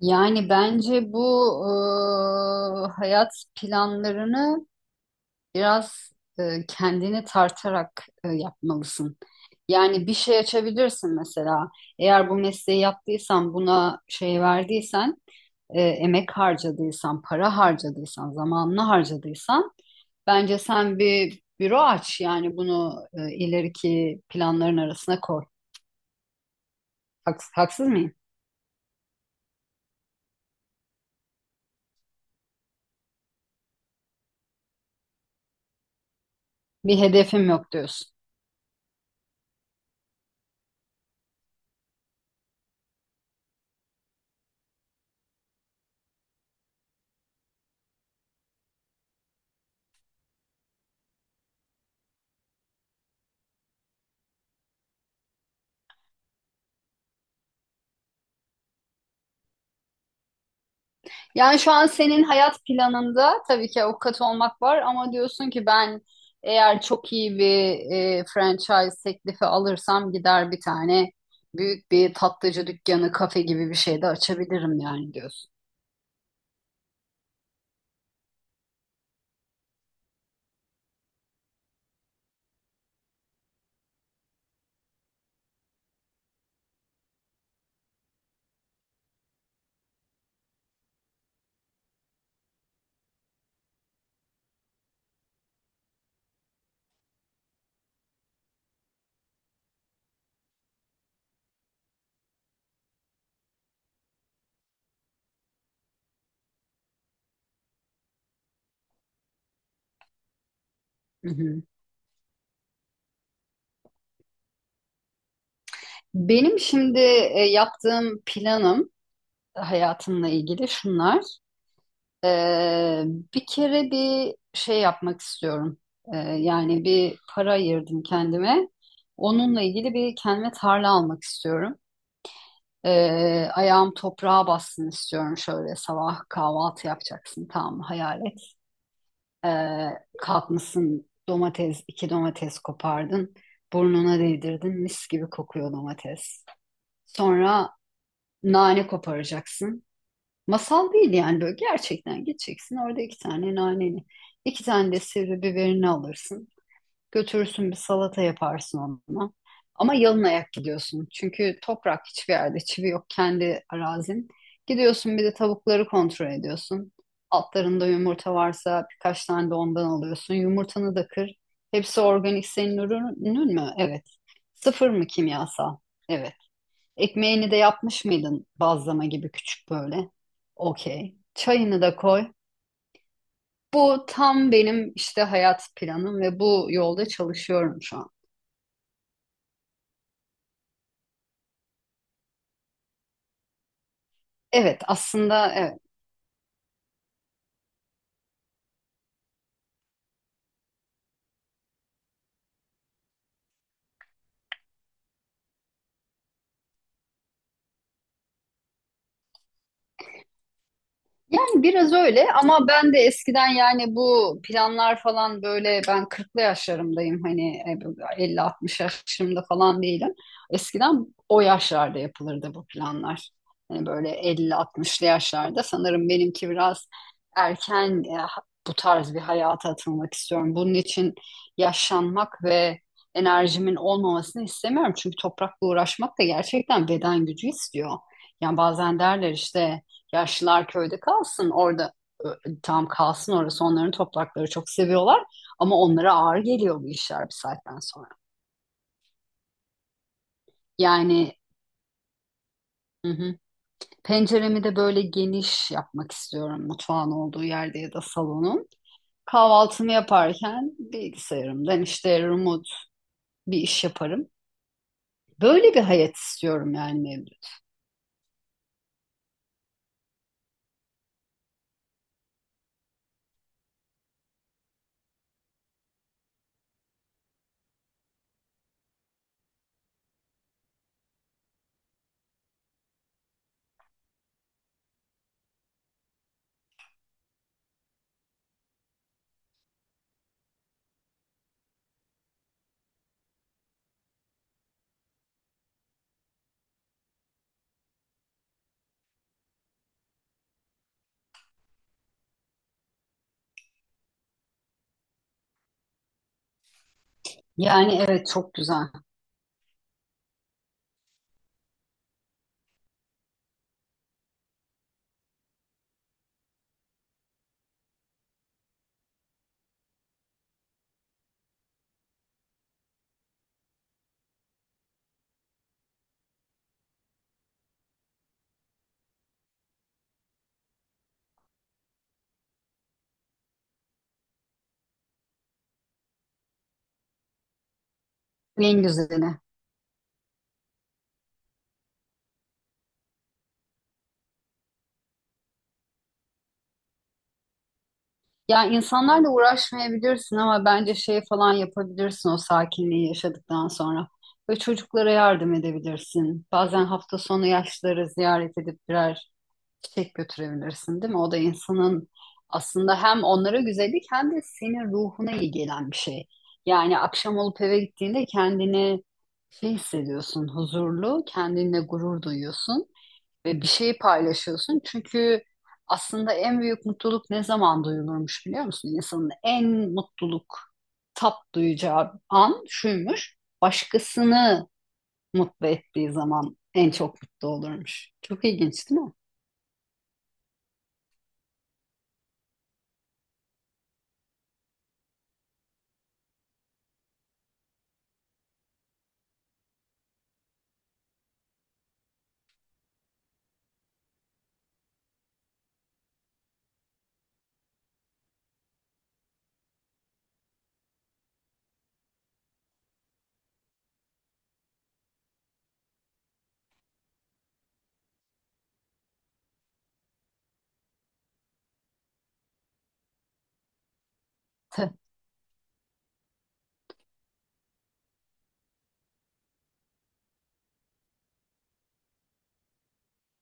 Yani bence bu hayat planlarını biraz kendini tartarak yapmalısın. Yani bir şey açabilirsin mesela. Eğer bu mesleği yaptıysan, buna şey verdiysen, emek harcadıysan, para harcadıysan, zamanını harcadıysan, bence sen bir büro aç. Yani bunu ileriki planların arasına koy. Haksız mıyım? Bir hedefim yok diyorsun. Yani şu an senin hayat planında tabii ki avukat olmak var ama diyorsun ki ben eğer çok iyi bir franchise teklifi alırsam gider bir tane büyük bir tatlıcı dükkanı, kafe gibi bir şey de açabilirim yani diyorsun. Hı hı. Benim şimdi yaptığım planım hayatımla ilgili şunlar. Ee, bir kere bir şey yapmak istiyorum. Yani bir para ayırdım kendime. Onunla ilgili bir kendime tarla almak istiyorum. Ayağım toprağa bassın istiyorum, şöyle sabah kahvaltı yapacaksın, tamam mı? Hayal et. Ee, kalkmışsın, domates, iki domates kopardın, burnuna değdirdin, mis gibi kokuyor domates. Sonra nane koparacaksın. Masal değil, yani böyle gerçekten gideceksin, orada iki tane naneni, iki tane de sivri biberini alırsın. Götürürsün, bir salata yaparsın onunla. Ama yalın ayak gidiyorsun. Çünkü toprak hiçbir yerde, çivi yok, kendi arazin. Gidiyorsun, bir de tavukları kontrol ediyorsun. Altlarında yumurta varsa birkaç tane de ondan alıyorsun. Yumurtanı da kır. Hepsi organik, senin ürünün mü? Evet. Sıfır mı kimyasal? Evet. Ekmeğini de yapmış mıydın, bazlama gibi küçük böyle? Okey. Çayını da koy. Bu tam benim işte hayat planım ve bu yolda çalışıyorum şu an. Evet, aslında evet. Yani biraz öyle ama ben de eskiden, yani bu planlar falan, böyle ben 40'lı yaşlarımdayım, hani 50 60 yaşlarımda falan değilim. Eskiden o yaşlarda yapılırdı bu planlar. Hani böyle 50'li 60'lı yaşlarda. Sanırım benimki biraz erken. Bu tarz bir hayata atılmak istiyorum. Bunun için yaşlanmak ve enerjimin olmamasını istemiyorum. Çünkü toprakla uğraşmak da gerçekten beden gücü istiyor. Yani bazen derler işte, yaşlılar köyde kalsın orada, ö, tam kalsın, orası onların toprakları, çok seviyorlar ama onlara ağır geliyor bu işler bir saatten sonra. Yani. Hı hı. Penceremi de böyle geniş yapmak istiyorum, mutfağın olduğu yerde ya da salonun. Kahvaltımı yaparken bilgisayarımdan işte remote bir iş yaparım. Böyle bir hayat istiyorum yani Mevlüt. Yani evet, çok güzel. En güzeli. Ya insanlarla uğraşmayabilirsin ama bence şey falan yapabilirsin, o sakinliği yaşadıktan sonra. Ve çocuklara yardım edebilirsin. Bazen hafta sonu yaşlıları ziyaret edip birer çiçek götürebilirsin, değil mi? O da insanın aslında hem onlara güzellik, hem de senin ruhuna iyi gelen bir şey. Yani akşam olup eve gittiğinde kendini şey hissediyorsun, huzurlu, kendinle gurur duyuyorsun ve bir şeyi paylaşıyorsun. Çünkü aslında en büyük mutluluk ne zaman duyulurmuş, biliyor musun? İnsanın en mutluluk tat duyacağı an şuymuş. Başkasını mutlu ettiği zaman en çok mutlu olurmuş. Çok ilginç değil mi?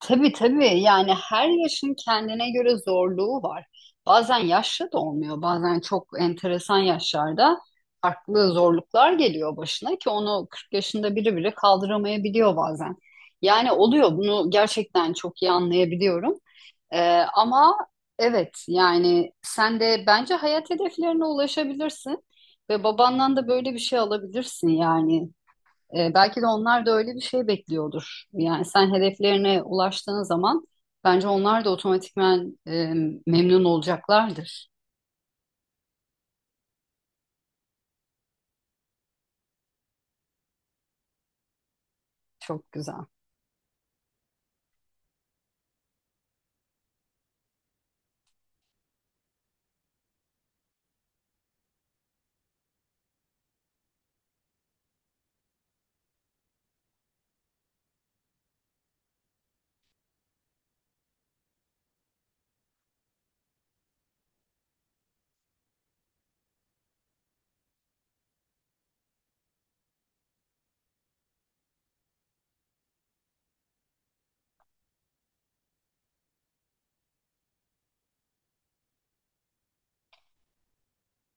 Tabii tabii, yani her yaşın kendine göre zorluğu var. Bazen yaşlı da olmuyor, bazen çok enteresan yaşlarda farklı zorluklar geliyor başına ki onu 40 yaşında biri bile kaldıramayabiliyor bazen. Yani oluyor, bunu gerçekten çok iyi anlayabiliyorum. Ee, ama evet, yani sen de bence hayat hedeflerine ulaşabilirsin ve babandan da böyle bir şey alabilirsin yani. Belki de onlar da öyle bir şey bekliyordur. Yani sen hedeflerine ulaştığın zaman bence onlar da otomatikman memnun olacaklardır. Çok güzel.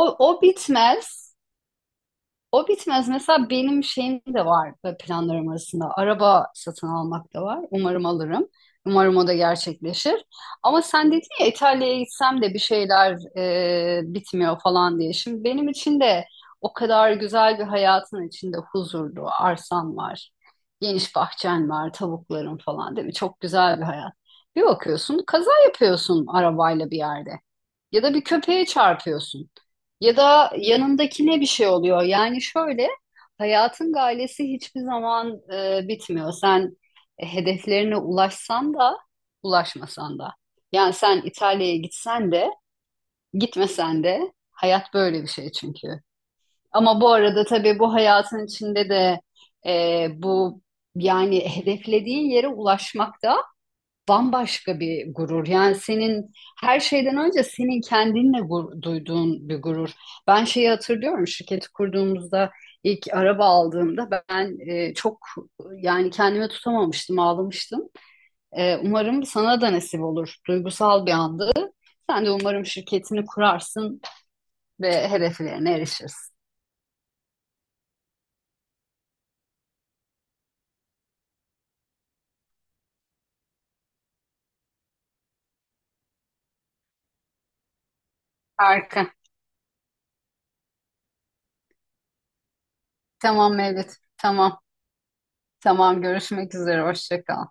O bitmez. O bitmez. Mesela benim şeyim de var ve planlarım arasında. Araba satın almak da var. Umarım alırım. Umarım o da gerçekleşir. Ama sen dedin ya, İtalya'ya gitsem de bir şeyler bitmiyor falan diye. Şimdi benim için de o kadar güzel bir hayatın içinde, huzurlu, arsan var. Geniş bahçen var, tavukların falan, değil mi? Çok güzel bir hayat. Bir bakıyorsun, kaza yapıyorsun arabayla bir yerde. Ya da bir köpeğe çarpıyorsun. Ya da yanındakine bir şey oluyor. Yani şöyle, hayatın galesi hiçbir zaman bitmiyor. Sen hedeflerine ulaşsan da, ulaşmasan da. Yani sen İtalya'ya gitsen de, gitmesen de hayat böyle bir şey çünkü. Ama bu arada tabii bu hayatın içinde de bu yani hedeflediğin yere ulaşmak da bambaşka bir gurur. Yani senin her şeyden önce senin kendinle duyduğun bir gurur. Ben şeyi hatırlıyorum, şirketi kurduğumuzda ilk araba aldığımda ben çok, yani kendime tutamamıştım, ağlamıştım. Umarım sana da nasip olur. Duygusal bir andı. Sen de umarım şirketini kurarsın ve hedeflerine erişirsin. Harika. Tamam Mevlüt. Tamam. Tamam, görüşmek üzere. Hoşça kal.